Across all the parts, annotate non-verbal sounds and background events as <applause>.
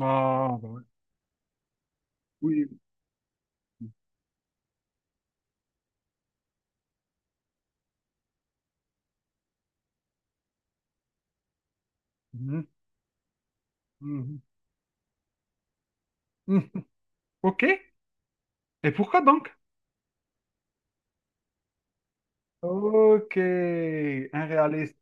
Ah, bah ouais. Oui. Mhm, mhm, mhm. <laughs> OK. Et pourquoi donc? OK. Réaliste.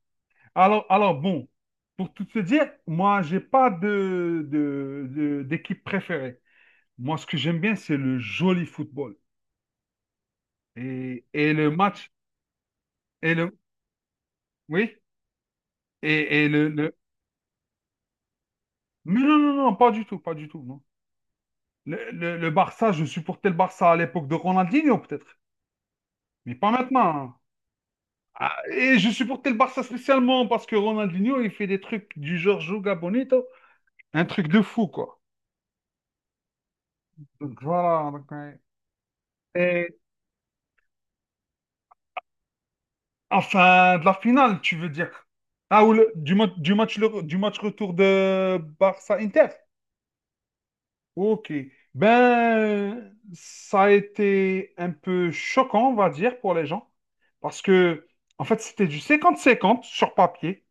Alors bon, pour tout te dire, moi, j'ai pas d'équipe préférée. Moi, ce que j'aime bien, c'est le joli football. Et le match. Et le, oui. Et, et le, le- Mais non, non, non, pas du tout, pas du tout, non. Le Barça, je supportais le Barça à l'époque de Ronaldinho, peut-être. Mais pas maintenant, hein. Ah, et je supportais le Barça spécialement parce que Ronaldinho, il fait des trucs du genre Joga Bonito, un truc de fou, quoi. Donc voilà. Donc, ouais. Et enfin, de la finale, tu veux dire. Ah, du match retour de Barça-Inter. Ok. Ben, ça a été un peu choquant, on va dire, pour les gens. Parce que, en fait, c'était du 50-50 sur papier.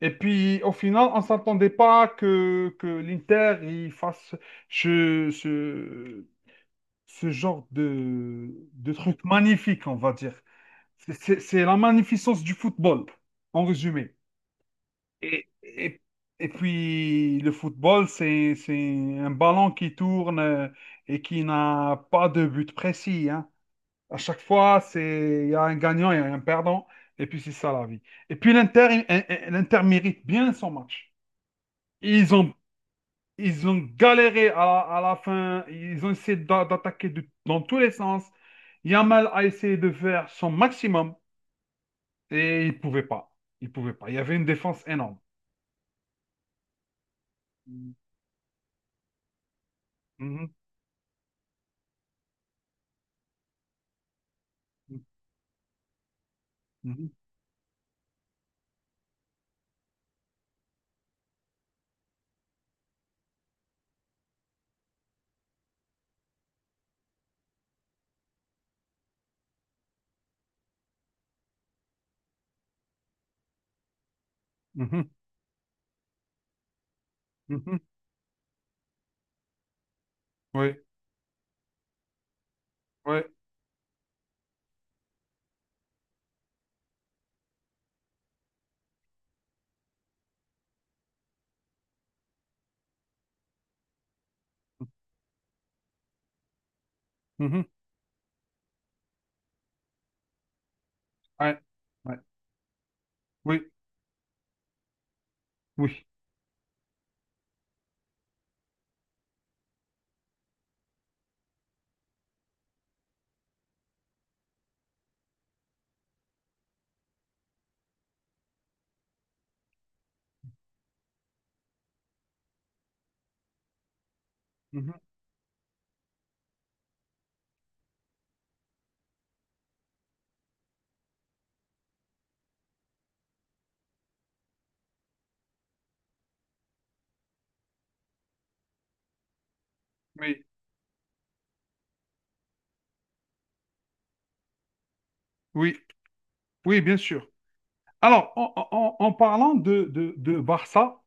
Et puis, au final, on ne s'attendait pas que l'Inter il fasse ce, ce, ce genre de truc magnifique, on va dire. C'est la magnificence du football, en résumé. Et, et, et puis, le football, c'est un ballon qui tourne, et qui n'a pas de but précis, hein. À chaque fois, c'est, il y a un gagnant et un perdant. Et puis, c'est ça la vie. Et puis, l'Inter, l'Inter mérite bien son match. Ils ont, ils ont galéré à la fin. Ils ont essayé d'attaquer dans tous les sens. Yamal a essayé de faire son maximum et il pouvait pas. Il pouvait pas. Il y avait une défense énorme. Mhm, mhm, mhm, mhm. Mhm. Oui, oui, mhm, ouais, ouais. Oui, oui, mhm, oui, oui, oui, bien sûr. Alors, en parlant de Barça,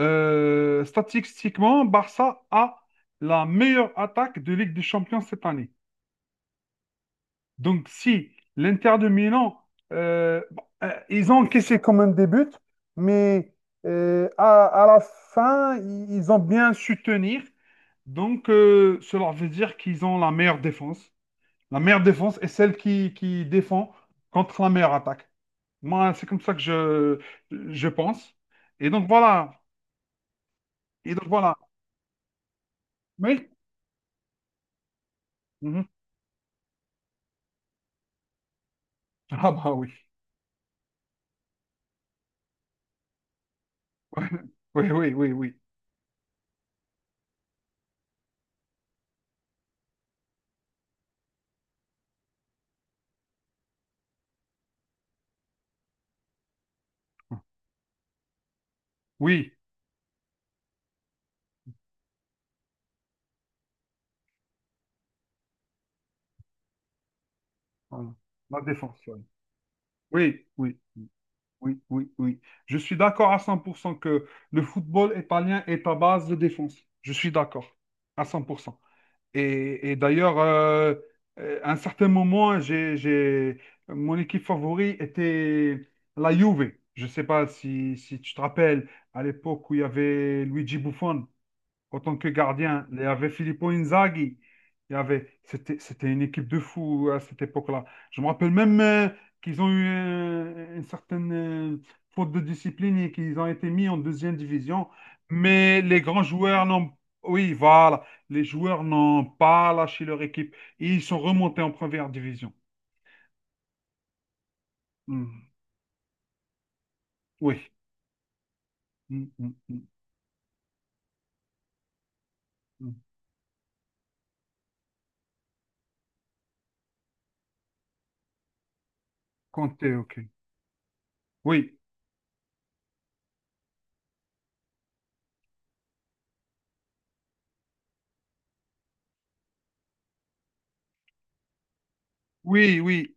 Statistiquement, Barça a la meilleure attaque de Ligue des Champions cette année. Donc, si l'Inter de Milan, bon, ils ont encaissé quand même des buts, mais à la fin, ils ont bien su tenir. Donc, cela veut dire qu'ils ont la meilleure défense. La meilleure défense est celle qui défend contre la meilleure attaque. Moi, c'est comme ça que je pense. Et donc, voilà. Et donc, voilà. Oui. Mhm. <laughs> Ah bah oui. <laughs> Oui, oui, oui, oui. Oui, voilà. La défense. Oui, oui, oui, oui, oui. Oui. Je suis d'accord à 100% que le football italien est à base de défense. Je suis d'accord à 100%. Et d'ailleurs, à un certain moment, mon équipe favorite était la Juve. Je ne sais pas si tu te rappelles, à l'époque où il y avait Luigi Buffon. En tant que gardien. Il y avait Filippo Inzaghi. C'était une équipe de fous à cette époque-là. Je me rappelle même, qu'ils ont eu, une certaine, faute de discipline et qu'ils ont été mis en deuxième division. Mais les grands joueurs n'ont, oui, voilà, les joueurs n'ont pas lâché leur équipe. Et ils sont remontés en première division. Hmm. Oui. Hmm, hmm, hmm, hmm. Conte, ok. Oui, oui, oui,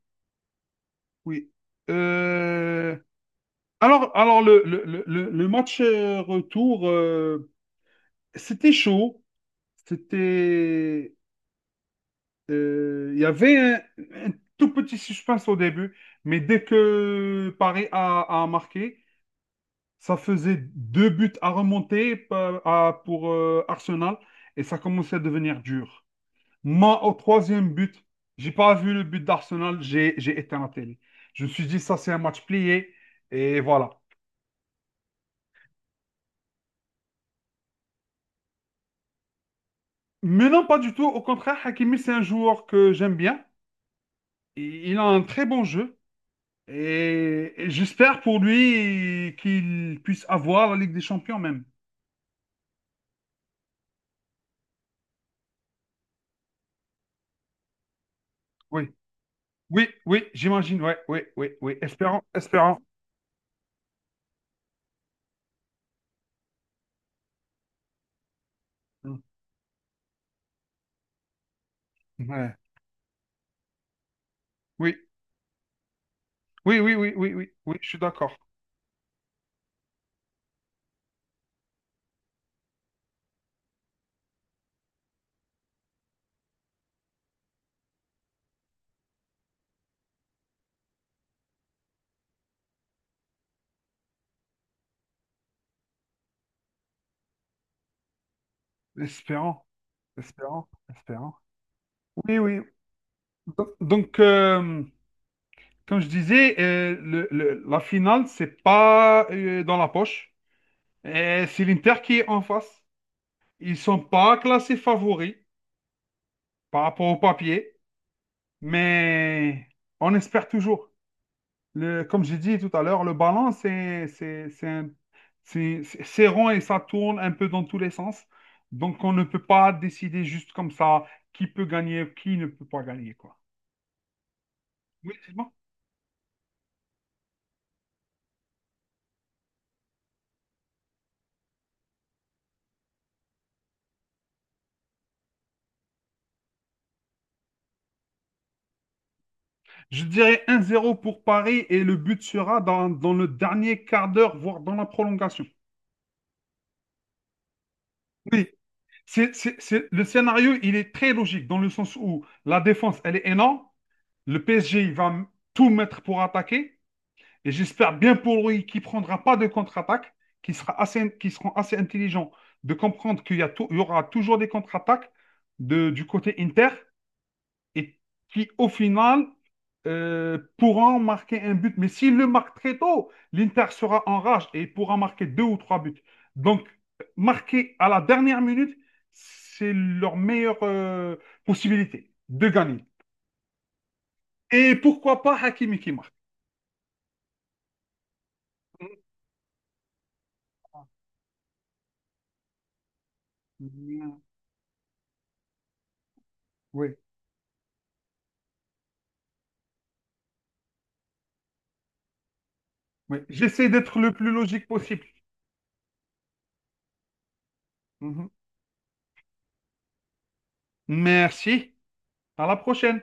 oui. Euh, alors match, retour, c'était chaud. C'était, il y avait un tout petit suspense au début, mais dès que Paris a marqué, ça faisait deux buts à remonter pour, Arsenal, et ça commençait à devenir dur. Moi, au troisième but, j'ai pas vu le but d'Arsenal, j'ai éteint la télé. Je me suis dit, ça, c'est un match plié et voilà. Mais non, pas du tout. Au contraire, Hakimi, c'est un joueur que j'aime bien. Et il a un très bon jeu. Et j'espère pour lui qu'il puisse avoir la Ligue des Champions même. Oui, oui, oui, j'imagine. Ouais, oui, oui, oui. Espérant, espérant. Mm. Ouais. Oui, oui, oui, oui, oui, oui, oui, je suis d'accord. Espérant, espérant, espérant. Oui, oui. Donc, comme je disais, la finale, c'est pas, dans la poche. Et c'est l'Inter qui est en face. Ils sont pas classés favoris par rapport au papier, mais on espère toujours. Comme j'ai dit tout à l'heure, le ballon, c'est rond et ça tourne un peu dans tous les sens. Donc, on ne peut pas décider juste comme ça qui peut gagner, qui ne peut pas gagner, quoi. Oui, c'est bon. Je dirais 1-0 pour Paris, et le but sera dans le dernier quart d'heure, voire dans la prolongation. Oui, le scénario, il est très logique dans le sens où la défense, elle est énorme. Le PSG, il va tout mettre pour attaquer. Et j'espère bien pour lui qu'il ne prendra pas de contre-attaque, qu'ils seront assez intelligents de comprendre qu'il y, a tou- il y aura toujours des contre-attaques du côté Inter et qui, au final, pourront marquer un but. Mais s'il le marque très tôt, l'Inter sera en rage et pourra marquer deux ou trois buts. Donc, marquer à la dernière minute, c'est leur meilleure, possibilité de gagner. Et pourquoi pas Hakimi qui marque. Mm, oui, oui. J'essaie d'être le plus logique possible. Mhm. Merci. À la prochaine.